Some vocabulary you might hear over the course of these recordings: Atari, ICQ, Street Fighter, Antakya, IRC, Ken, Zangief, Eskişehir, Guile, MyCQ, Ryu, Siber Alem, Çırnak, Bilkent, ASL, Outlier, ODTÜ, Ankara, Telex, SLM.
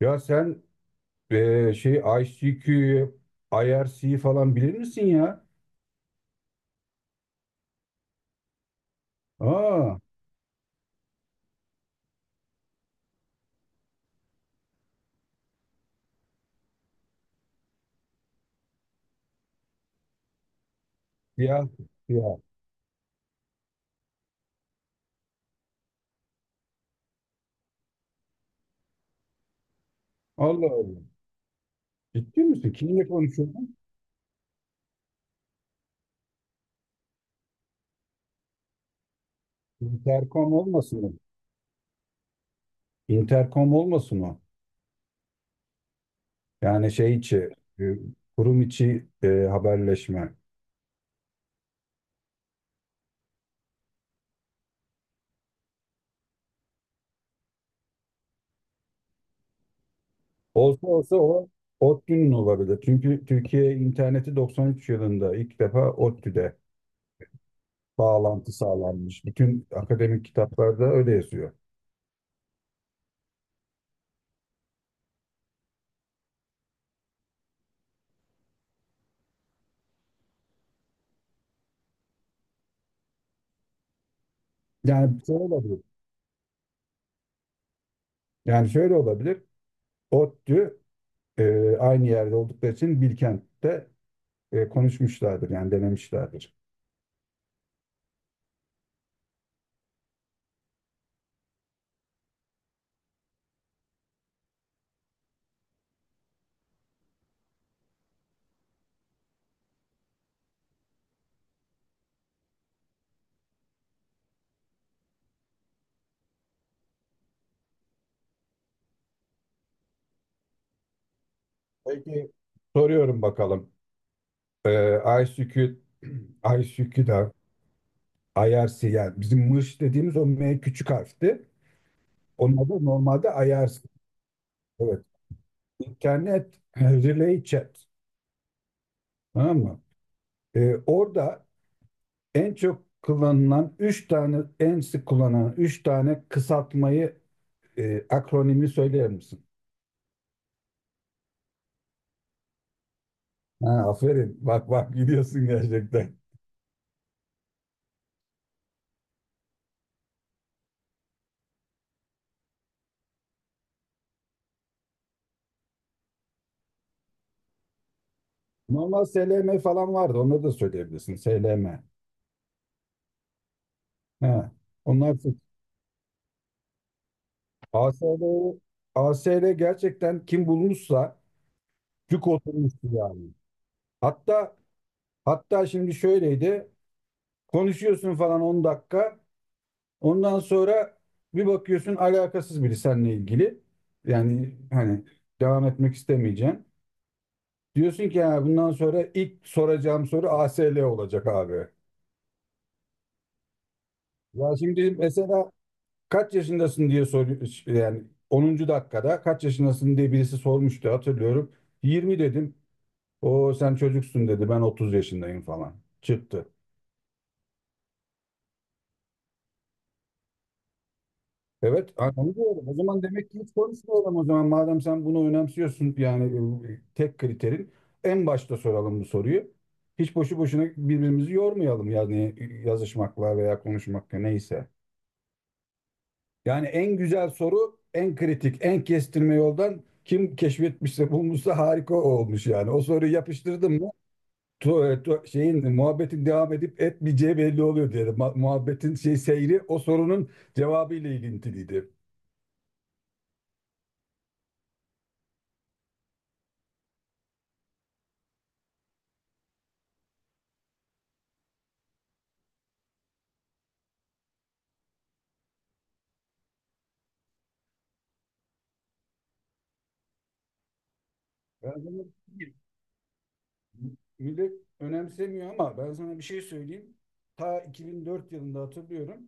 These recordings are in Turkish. Ya sen eee, şey I C Q'yu, I R IRC'yi falan bilir misin ya? Aa, ya, ya. Allah Allah. Ciddi misin? Kimle konuşuyorsun? Intercom olmasın mı? Intercom olmasın o. Yani şey içi, e, Kurum içi haberleşme. Olsa olsa o ODTÜ'nün olabilir. Çünkü Türkiye interneti 93 yılında ilk defa ODTÜ'de bağlantı sağlanmış. Bütün akademik kitaplarda öyle yazıyor. Yani şöyle olabilir. Yani şöyle olabilir. ODTÜ aynı yerde oldukları için Bilkent'te konuşmuşlardır yani denemişlerdir. Peki soruyorum bakalım. E, ICQ, ICQ'da IRC yani bizim mırş dediğimiz o M küçük harfti. Onun adı normalde IRC. Evet. İnternet Relay Chat. Tamam mı? Orada en çok kullanılan üç tane, en sık kullanılan üç tane kısaltmayı, akronimi söyler misin? Ha, aferin. Bak bak gidiyorsun gerçekten. Normal SLM falan vardı. Onları da söyleyebilirsin. SLM. Ha. Onlar sık. ASL, ASL gerçekten kim bulmuşsa cuk oturmuştu yani. Hatta hatta şimdi şöyleydi. Konuşuyorsun falan 10 dakika. Ondan sonra bir bakıyorsun alakasız biri seninle ilgili. Yani hani devam etmek istemeyeceksin. Diyorsun ki ya bundan sonra ilk soracağım soru A S L olacak abi. Ya şimdi mesela kaç yaşındasın diye soruyor yani 10. dakikada kaç yaşındasın diye birisi sormuştu hatırlıyorum. Yirmi dedim. O sen çocuksun dedi ben 30 yaşındayım falan. Çıktı. Evet, hani onu diyorum. O zaman demek ki hiç konuşmayalım o zaman. Madem sen bunu önemsiyorsun yani tek kriterin en başta soralım bu soruyu. Hiç boşu boşuna birbirimizi yormayalım yani yazışmakla veya konuşmakla neyse. Yani en güzel soru, en kritik, en kestirme yoldan kim keşfetmişse bulmuşsa harika olmuş yani. O soruyu yapıştırdım mı muhabbetin devam edip etmeyeceği belli oluyor diyelim. Muhabbetin seyri o sorunun cevabı ile ilintiliydi. Ben sana bir- Millet önemsemiyor ama ben sana bir şey söyleyeyim. Ta 2004 yılında hatırlıyorum.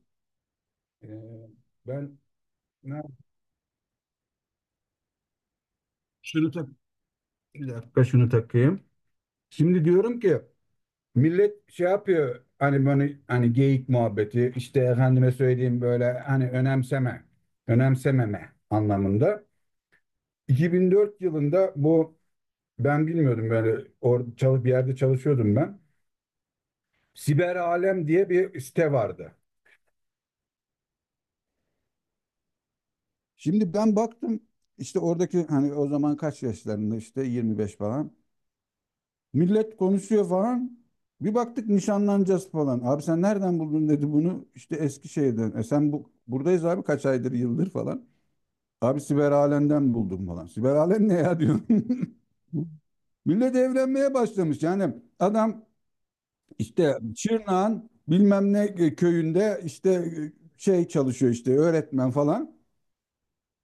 Ee, ben ne Şunu tak, bir dakika şunu takayım. Şimdi diyorum ki millet şey yapıyor hani böyle hani geyik muhabbeti işte efendime söyleyeyim böyle hani önemseme, önemsememe anlamında. 2004 yılında bu ben bilmiyordum böyle or çalıp bir yerde çalışıyordum ben. Siber Alem diye bir site vardı. Şimdi ben baktım işte oradaki hani o zaman kaç yaşlarında işte 25 falan. Millet konuşuyor falan. Bir baktık nişanlanacağız falan. Abi sen nereden buldun dedi bunu. İşte Eskişehir'den. E sen bu buradayız abi kaç aydır yıldır falan. Abi Siber Alem'den buldum falan. Siber Alem ne ya diyorum. Millet evlenmeye başlamış. Yani adam işte Çırnak'ın bilmem ne köyünde işte çalışıyor işte öğretmen falan.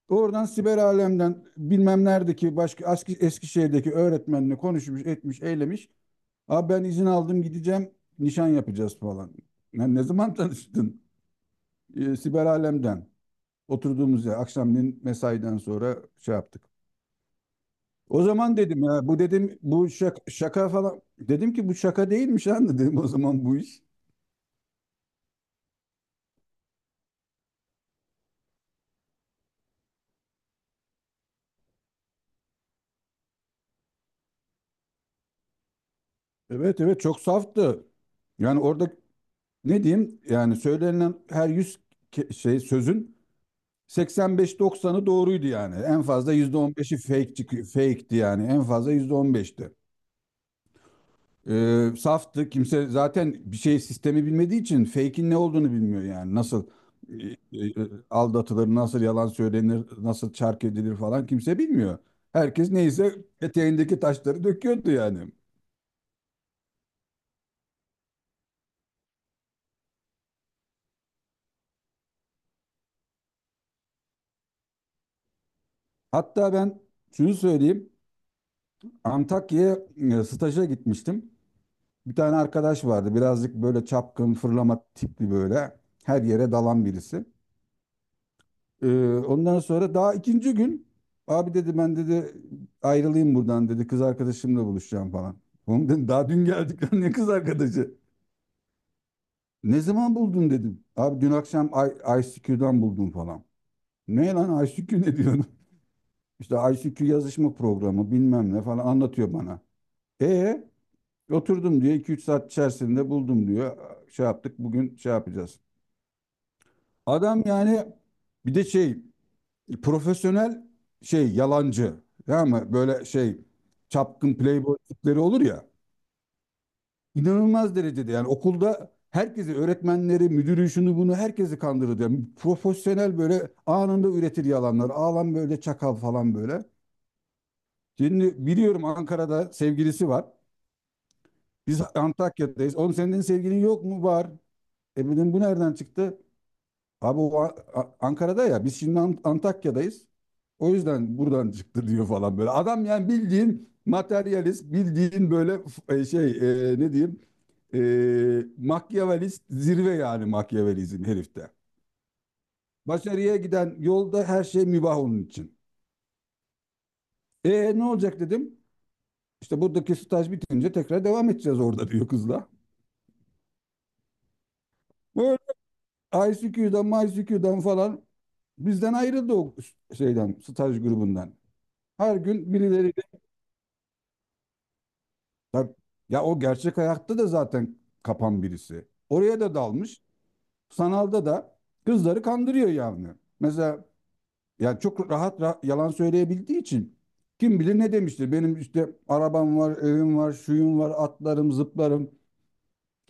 Oradan Siber Alem'den bilmem neredeki başka Eskişehir'deki öğretmenle konuşmuş, etmiş, eylemiş. Abi ben izin aldım gideceğim nişan yapacağız falan. Ben ne zaman tanıştın? Siber alemden. Oturduğumuz yer akşamleyin mesaiden sonra şey yaptık. O zaman dedim ya bu dedim bu şaka, şaka falan. Dedim ki bu şaka değilmiş anne dedim o zaman bu iş. Evet evet çok saftı. Yani orada ne diyeyim yani söylenen her 100 sözün 85-90'ı doğruydu yani. En fazla %15'i fake çıkıyor. Fake'ti yani en fazla %15'ti. Saftı. Kimse zaten bir şey sistemi bilmediği için fake'in ne olduğunu bilmiyor yani. Nasıl e, e, aldatılır, nasıl yalan söylenir, nasıl çark edilir falan kimse bilmiyor. Herkes neyse eteğindeki taşları döküyordu yani. Hatta ben şunu söyleyeyim. Antakya'ya staja gitmiştim. Bir tane arkadaş vardı. Birazcık böyle çapkın, fırlama tipli böyle. Her yere dalan birisi. Ee, Ondan sonra daha ikinci gün abi dedi ben dedi ayrılayım buradan dedi kız arkadaşımla buluşacağım falan. Oğlum dedim daha dün geldik lan ne kız arkadaşı? Ne zaman buldun dedim. Abi dün akşam ICQ'dan buldum falan. Ne lan ICQ ne diyorsun? İşte ICQ yazışma programı bilmem ne falan anlatıyor bana. E oturdum diyor 2 3 saat içerisinde buldum diyor. Şey yaptık bugün şey yapacağız. Adam yani bir de profesyonel yalancı. Tamam mı? Böyle şey çapkın playboy tipleri olur ya. İnanılmaz derecede yani okulda herkesi öğretmenleri, müdürü şunu bunu herkesi kandırır. Yani profesyonel böyle anında üretir yalanlar. Ağlan böyle çakal falan böyle. Şimdi biliyorum Ankara'da sevgilisi var. Biz Antakya'dayız. Oğlum senin sevgilin yok mu? Var. E dedim bu nereden çıktı? Abi o A- A- Ankara'da ya biz şimdi Antakya'dayız. O yüzden buradan çıktı diyor falan böyle. Adam yani bildiğin materyalist, bildiğin böyle e, ne diyeyim Makyavelist zirve yani Makyavelizm herifte. Başarıya giden yolda her şey mübah onun için. E ne olacak dedim. İşte buradaki staj bitince tekrar devam edeceğiz orada diyor kızla. Böyle ICQ'dan, MyCQ'dan falan bizden ayrıldı o staj grubundan. Her gün birileri bak, ya o gerçek hayatta da zaten kapan birisi. Oraya da dalmış. Sanalda da kızları kandırıyor yani. Mesela ya çok rahat, yalan söyleyebildiği için kim bilir ne demiştir. Benim işte arabam var, evim var, şuyum var, atlarım, zıplarım.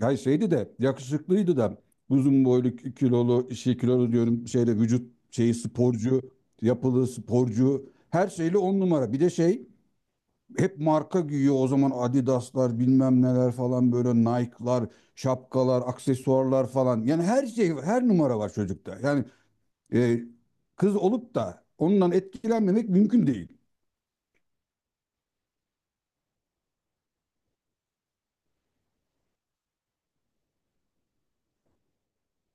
Ya şeydi de yakışıklıydı da uzun boylu, kilolu diyorum şeyle vücut şeyi sporcu, yapılı sporcu her şeyle on numara. Bir de şey hep marka güyüyor o zaman Adidas'lar bilmem neler falan böyle Nike'lar, şapkalar, aksesuarlar falan. Yani her şey her numara var çocukta. Yani e, kız olup da ondan etkilenmemek mümkün değil.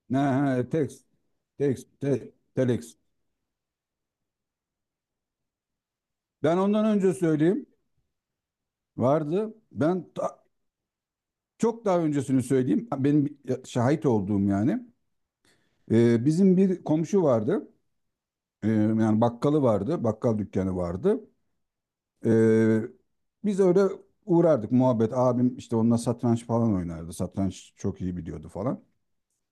Ne Tex, Tex, te, Telex. Ben ondan önce söyleyeyim. Vardı. Çok daha öncesini söyleyeyim. Benim şahit olduğum yani. Bizim bir komşu vardı. Bakkalı vardı. Bakkal dükkanı vardı. Ee, Biz öyle uğrardık muhabbet. Abim işte onunla satranç falan oynardı. Satranç çok iyi biliyordu falan.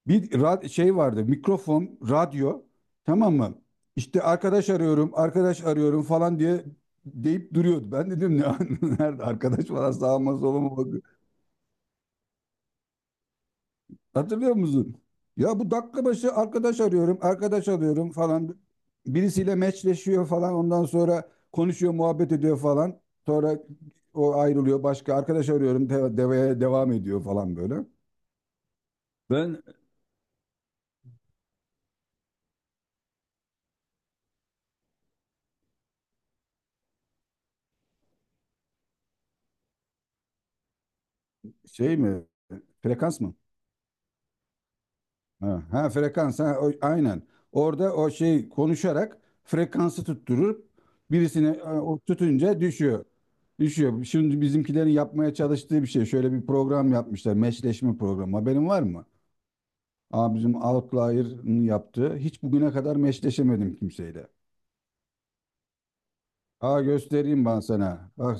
Bir ra- şey Vardı mikrofon, radyo, tamam mı? İşte arkadaş arıyorum falan diye deyip duruyordu. Ben dedim ne nerede arkadaş falan sağıma soluma bak. Hatırlıyor musun? Ya bu dakika başı arkadaş arıyorum, arkadaş alıyorum falan. Birisiyle meçleşiyor falan. Ondan sonra konuşuyor, muhabbet ediyor falan. Sonra o ayrılıyor. Başka arkadaş arıyorum, deveye devam ediyor falan böyle. Ben şey mi? Frekans mı? Ha frekans ha, aynen. Orada o konuşarak frekansı tutturup birisine o tutunca düşüyor. Düşüyor. Şimdi bizimkilerin yapmaya çalıştığı bir şey. Şöyle bir program yapmışlar. Meşleşme programı. Haberin var mı? Aa, bizim Outlier'ın yaptığı. Hiç bugüne kadar meşleşemedim kimseyle. Aa göstereyim ben sana. Bak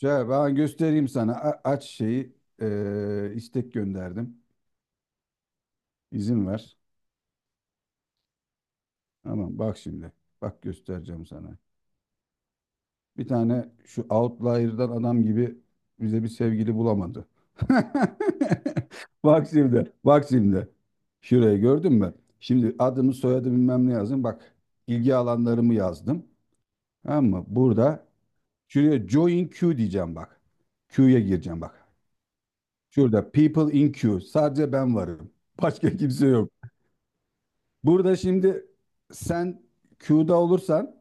şey, Ben göstereyim sana. Aç şeyi. İstek gönderdim. İzin ver. Tamam bak şimdi. Bak göstereceğim sana. Bir tane şu outlier'dan adam gibi bize bir sevgili bulamadı. Bak şimdi. Şurayı gördün mü? Şimdi adımı, soyadı bilmem ne yazdım. Bak ilgi alanlarımı yazdım. Tamam mı? Burada şuraya join queue diyeceğim bak. Queue'ya gireceğim bak. Şurada people in queue. Sadece ben varım. Başka kimse yok. Burada şimdi sen queue'da olursan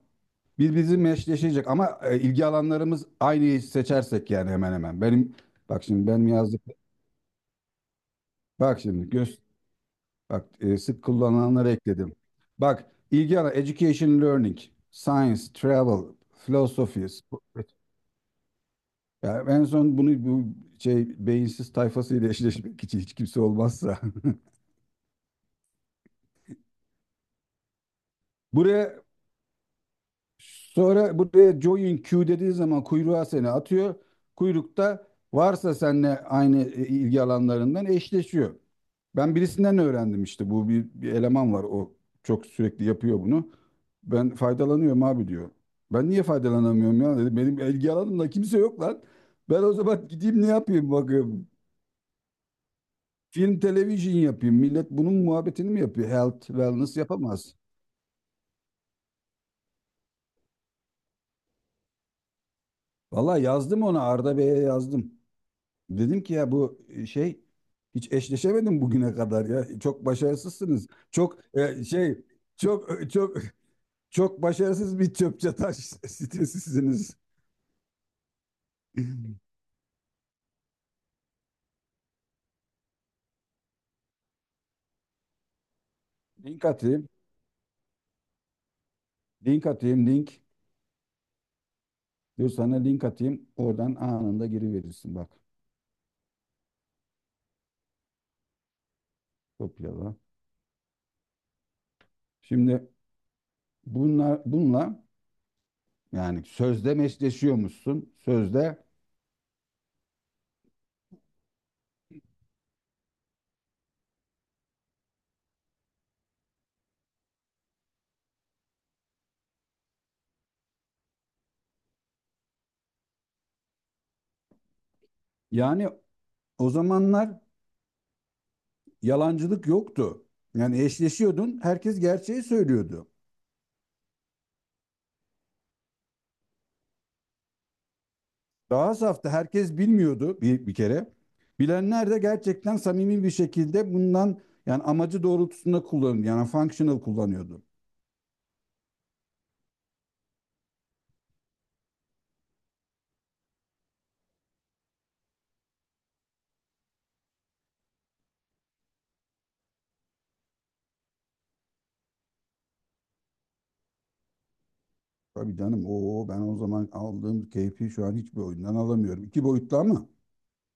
birbirimizin eşleşecek ama ilgi alanlarımız aynı seçersek yani hemen hemen. Benim bak şimdi ben yazdık. Bak şimdi göz Bak sık kullanılanları ekledim. Bak ilgi alanı education learning, science, travel, philosophy. Yani en son bunu bu şey beyinsiz tayfasıyla eşleşmek için hiç kimse olmazsa. Buraya Sonra buraya join queue dediği zaman kuyruğa seni atıyor. Kuyrukta varsa seninle aynı ilgi alanlarından eşleşiyor. Ben birisinden öğrendim işte bu bir eleman var o çok sürekli yapıyor bunu. Ben faydalanıyorum abi diyor. Ben niye faydalanamıyorum ya dedi. Benim ilgi alanımda kimse yok lan. Ben o zaman gideyim ne yapayım bakayım. Film, televizyon yapayım. Millet bunun muhabbetini mi yapıyor? Health, wellness yapamaz. Vallahi yazdım ona Arda Bey'e yazdım. Dedim ki ya bu hiç eşleşemedim bugüne kadar ya. Çok başarısızsınız. Çok e, şey çok e, çok Çok başarısız bir çöp taş sitesisiniz. Link atayım. Link atayım link. Dur sana link atayım. Oradan anında giriverirsin bak. Kopyala. Şimdi bunlar bununla yani sözde meşleşiyormuşsun. Sözde yani o zamanlar yalancılık yoktu. Yani eşleşiyordun. Herkes gerçeği söylüyordu. Daha safta herkes bilmiyordu bir kere. Bilenler de gerçekten samimi bir şekilde bundan yani amacı doğrultusunda kullanıyordu. Yani functional kullanıyordu. Tabii canım o ben o zaman aldığım keyfi şu an hiçbir oyundan alamıyorum. İki boyutlu ama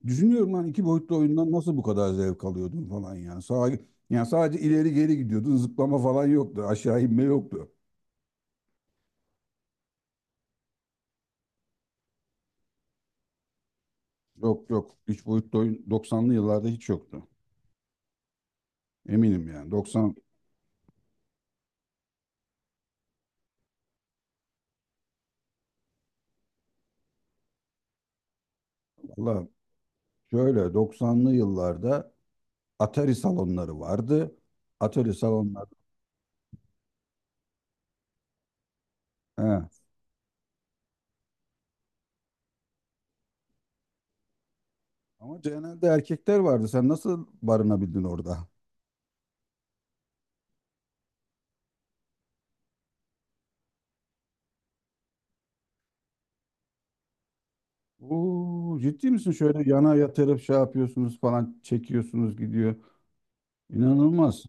düşünüyorum lan iki boyutlu oyundan nasıl bu kadar zevk alıyordun falan yani. Yani sadece ileri geri gidiyordun zıplama falan yoktu aşağı inme yoktu. Yok yok üç boyutlu oyun 90'lı yıllarda hiç yoktu. Eminim yani 90 Valla şöyle 90'lı yıllarda Atari salonları vardı. Atari salonları. He. Ama genelde erkekler vardı. Sen nasıl barınabildin orada? Oo, ciddi misin? Şöyle yana yatırıp şey yapıyorsunuz falan çekiyorsunuz gidiyor. İnanılmaz.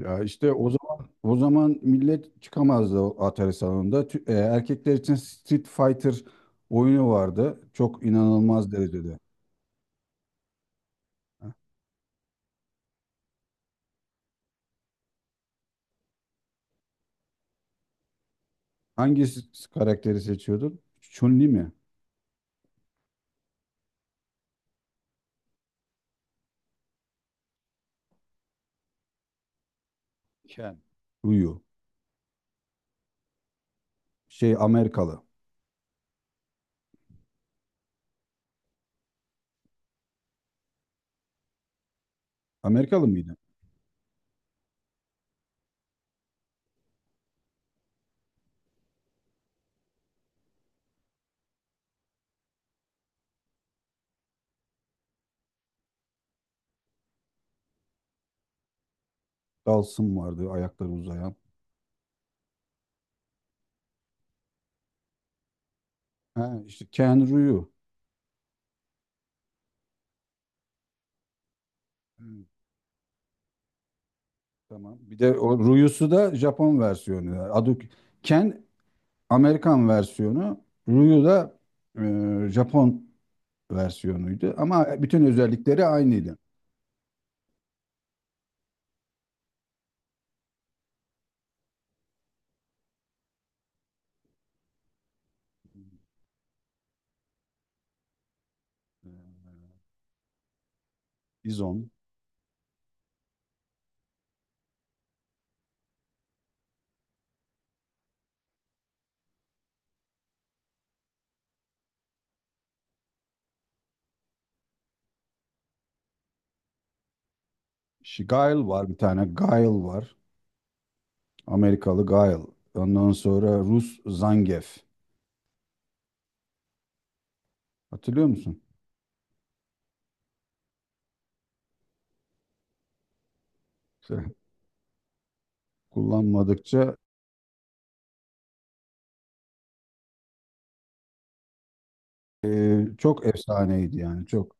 Ya işte o zaman millet çıkamazdı o Atari salonunda. Erkekler için Street Fighter oyunu vardı. Çok inanılmaz derecede. Hangi s- Karakteri seçiyordun? Chun-Li mi? Ken. Ryu. Şey Amerikalı. Amerikalı mıydı? Dalsın vardı ayakları uzayan. Ha, işte Ken Ryu. Hmm, tamam. Bir de o Ryu'su da Japon versiyonu. Adı Ken Amerikan versiyonu. Ryu da Japon versiyonuydu. Ama bütün özellikleri aynıydı. E, Bison. Guile var bir tane. Guile var. Amerikalı Guile. Ondan sonra Rus Zangief. Hatırlıyor musun? İşte kullanmadıkça çok efsaneydi yani. Çok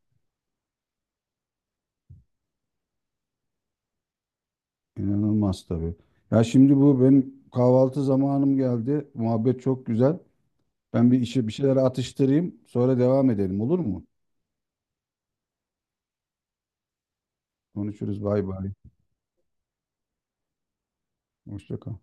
inanılmaz tabii. Ya şimdi bu benim kahvaltı zamanım geldi. Muhabbet çok güzel. Ben bir işe bir şeyler atıştırayım. Sonra devam edelim olur mu? Konuşuruz. Bay bay. Hoşça kal.